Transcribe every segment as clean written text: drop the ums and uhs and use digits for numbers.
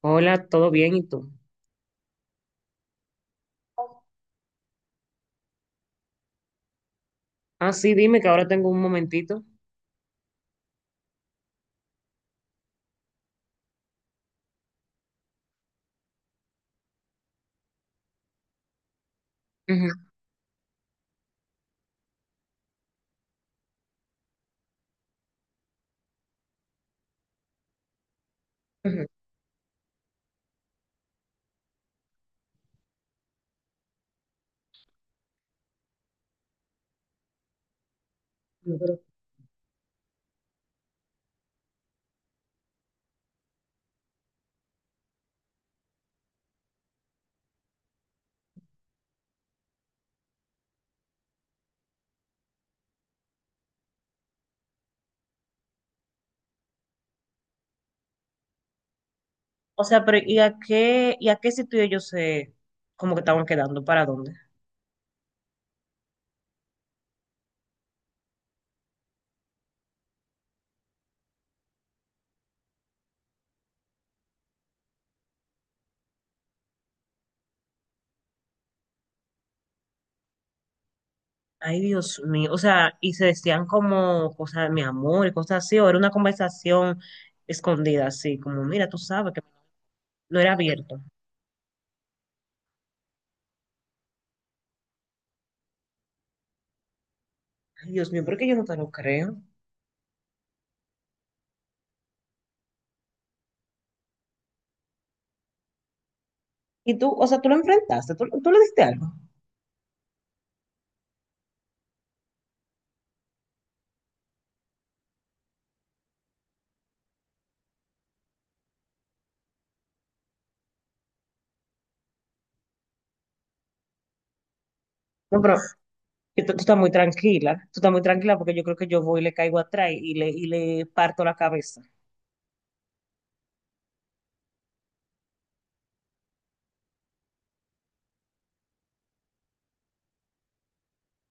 Hola, ¿todo bien? ¿Y tú? Ah, sí, dime que ahora tengo un momentito. Ujú. Ujú. No. O sea, pero ¿y a qué sitio ellos se, como que estaban quedando? ¿Para dónde? Ay, Dios mío. O sea, y se decían como cosas, de mi amor, y cosas así, o era una conversación escondida, así, como, mira, tú sabes que no era abierto. Ay, Dios mío, ¿por qué yo no te lo creo? Y tú, o sea, tú lo enfrentaste, tú le diste algo. No, pero tú estás muy tranquila, tú estás muy tranquila porque yo creo que yo voy y le caigo atrás y le parto la cabeza,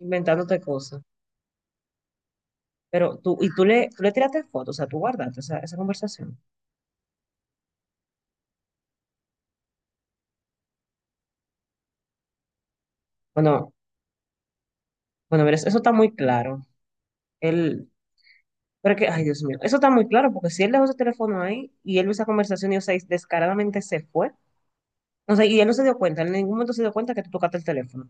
inventándote cosas. Pero tú, y tú le tiraste fotos, o sea, tú guardaste esa conversación. Bueno, bueno, mira, eso está muy claro. Él, pero es que, ay, Dios mío, eso está muy claro porque si él dejó su teléfono ahí y él vio esa conversación y, o sea, y descaradamente se fue, o sea, y él no se dio cuenta, en ningún momento se dio cuenta que tú tocaste el teléfono.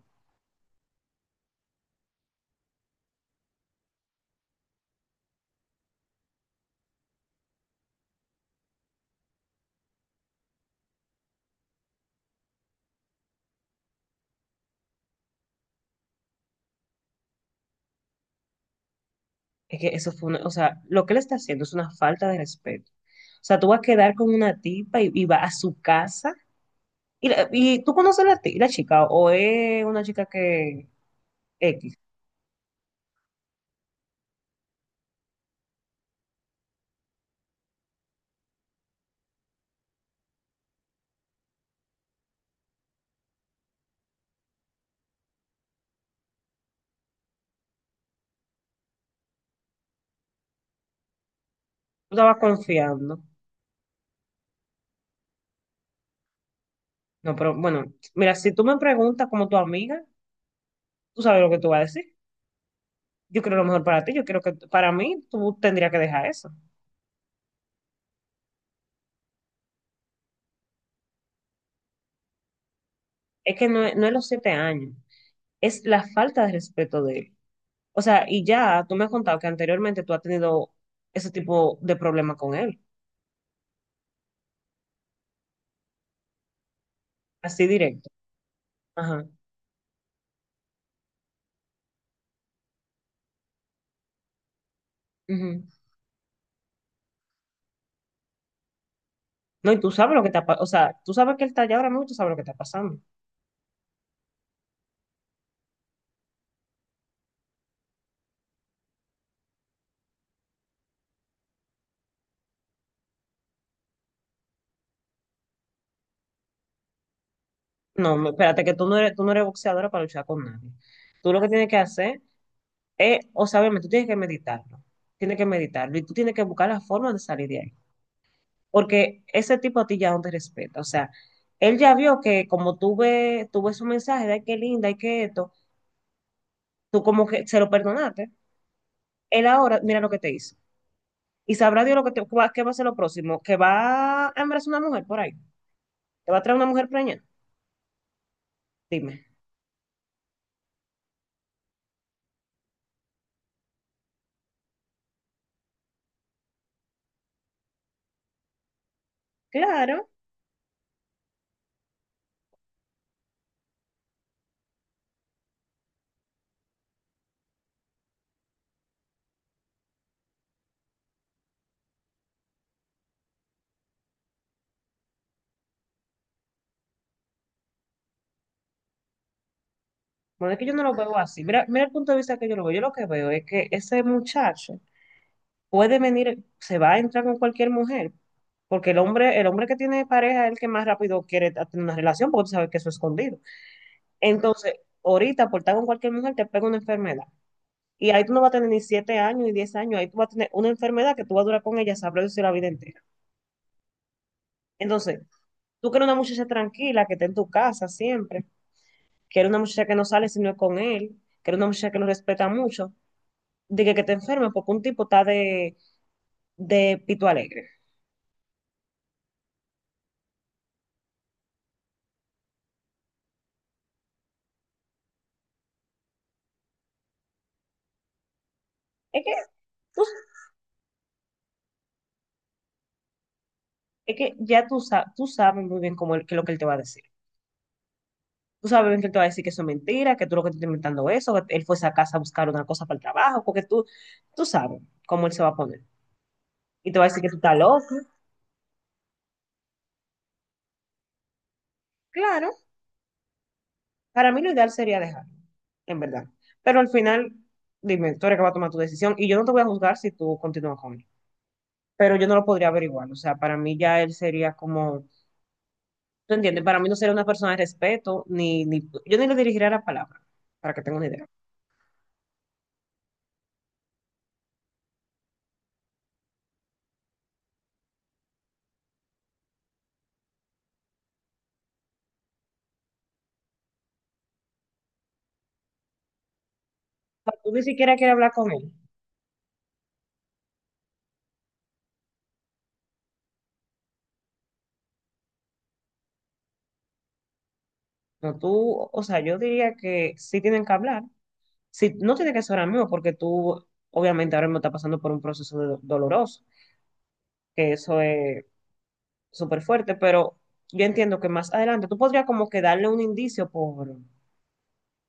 Es que eso fue o sea, lo que él está haciendo es una falta de respeto. O sea, tú vas a quedar con una tipa y vas a su casa. ¿Y, y tú conoces la chica o es una chica que X? Tú estabas confiando. No, pero bueno, mira, si tú me preguntas como tu amiga, tú sabes lo que tú vas a decir. Yo creo lo mejor para ti, yo creo que para mí tú tendrías que dejar eso. Es que no, no es los 7 años, es la falta de respeto de él. O sea, y ya tú me has contado que anteriormente tú has tenido ese tipo de problema con él, así directo. Ajá. Ujú. No, y tú sabes lo que o sea, tú sabes que él está allá ahora mismo y tú sabes lo que está pasando. No, espérate, que tú no eres boxeadora para luchar con nadie. Tú lo que tienes que hacer es, o sea, obviamente, tú tienes que meditarlo. Tienes que meditarlo y tú tienes que buscar la forma de salir de ahí. Porque ese tipo a ti ya no te respeta. O sea, él ya vio que como tú ves su mensaje de "Ay, qué linda, y qué esto", tú como que se lo perdonaste. Él ahora, mira lo que te hizo. Y sabrá Dios qué va a ser lo próximo. Que va a embarazar una mujer por ahí. Que va a traer una mujer preñada. Dime. Claro. Bueno, es que yo no lo veo así. Mira, mira el punto de vista que yo lo veo. Yo lo que veo es que ese muchacho puede venir, se va a entrar con cualquier mujer, porque el hombre que tiene pareja es el que más rápido quiere tener una relación, porque tú sabes que eso es escondido. Entonces, ahorita por estar con cualquier mujer te pega una enfermedad. Y ahí tú no vas a tener ni 7 años ni 10 años, ahí tú vas a tener una enfermedad que tú vas a durar con ella, sabrás decir la vida entera. Entonces, tú quieres una muchacha tranquila, que esté en tu casa siempre, quieres una muchacha que no sale si no es con él, quieres una muchacha que lo respeta mucho de que te enfermes porque un tipo está de pito alegre. Es que, tú- es que ya tú sabes muy bien qué es lo que él te va a decir. Tú sabes bien que él te va a decir que eso es mentira, que tú lo que te estás inventando eso, que él fue a esa casa a buscar una cosa para el trabajo, porque tú sabes cómo él se va a poner. Y te va a decir que tú estás loco. Claro, para mí lo ideal sería dejarlo, en verdad. Pero al final, dime, tú eres que va a tomar tu decisión y yo no te voy a juzgar si tú continúas con él. Pero yo no lo podría averiguar. O sea, para mí ya él sería como. ¿Tú entiendes? Para mí no sería una persona de respeto, ni yo ni le dirigiría la palabra, para que tenga una idea. O sea, tú ni siquiera quieres hablar con él. No, tú, o sea, yo diría que sí tienen que hablar. Sí, no tiene que ser ahora mismo, porque tú, obviamente, ahora mismo estás pasando por un proceso doloroso, que eso es súper fuerte, pero yo entiendo que más adelante tú podrías como que darle un indicio por,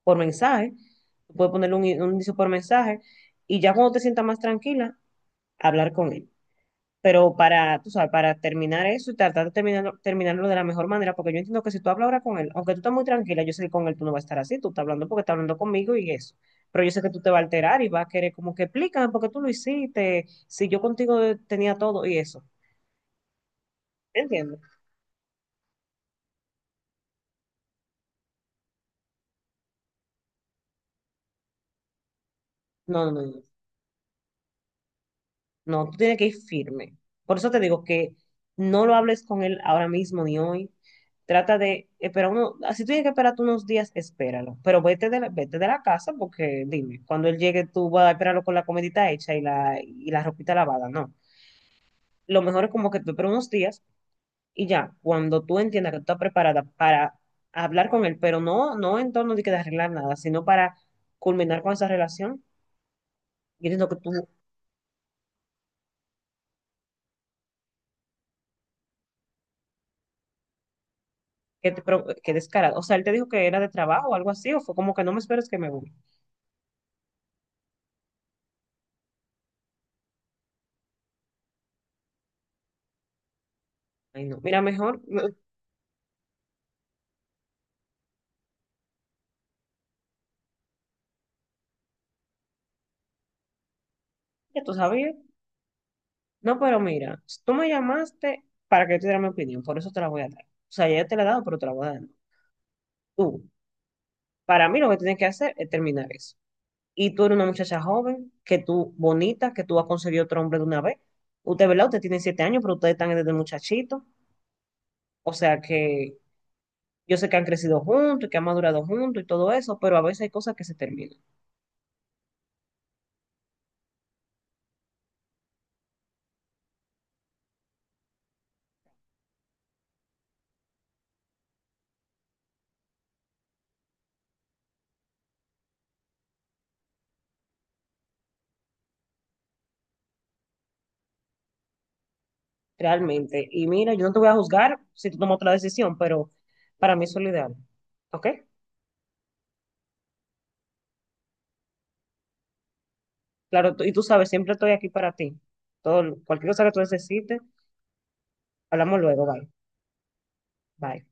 por mensaje, tú puedes ponerle un indicio por mensaje, y ya cuando te sientas más tranquila, hablar con él. Pero para, tú sabes, para terminar eso y tratar de terminarlo de la mejor manera, porque yo entiendo que si tú hablas ahora con él, aunque tú estás muy tranquila, yo sé que con él tú no vas a estar así, tú estás hablando porque estás hablando conmigo y eso. Pero yo sé que tú te vas a alterar y vas a querer como que explícame por qué tú lo hiciste, si yo contigo tenía todo y eso. ¿Entiendes? No, no, no. No. No, tú tienes que ir firme. Por eso te digo que no lo hables con él ahora mismo ni hoy. Trata de esperar si tú tienes que esperar tú unos días, espéralo. Pero vete de la casa porque dime, cuando él llegue tú vas a esperarlo con la comidita hecha y y la ropita lavada. No. Lo mejor es como que tú esperas unos días y ya, cuando tú entiendas que tú estás preparada para hablar con él, pero no, no en torno de que de arreglar nada, sino para culminar con esa relación. Yo entiendo que tú. Qué, pero, qué descarado. O sea, él te dijo que era de trabajo o algo así, o fue como que no me esperes que me voy. Ay, no. Mira, mejor, no, ya tú sabías. No, pero mira, si tú me llamaste para que yo te diera mi opinión, por eso te la voy a dar. O sea, ya te la he dado, pero te la voy a dar. Tú, para mí lo que tienes que hacer es terminar eso. Y tú eres una muchacha joven, que tú, bonita, que tú has conseguido otro hombre de una vez. Usted, ¿verdad? Usted tiene 7 años, pero ustedes están desde muchachito. O sea que yo sé que han crecido juntos, y que han madurado juntos y todo eso, pero a veces hay cosas que se terminan. Realmente. Y mira, yo no te voy a juzgar si tú tomas otra decisión, pero para mí eso es lo ideal. ¿Ok? Claro, y tú sabes, siempre estoy aquí para ti. Todo, cualquier cosa que tú necesites, hablamos luego. Bye. Bye.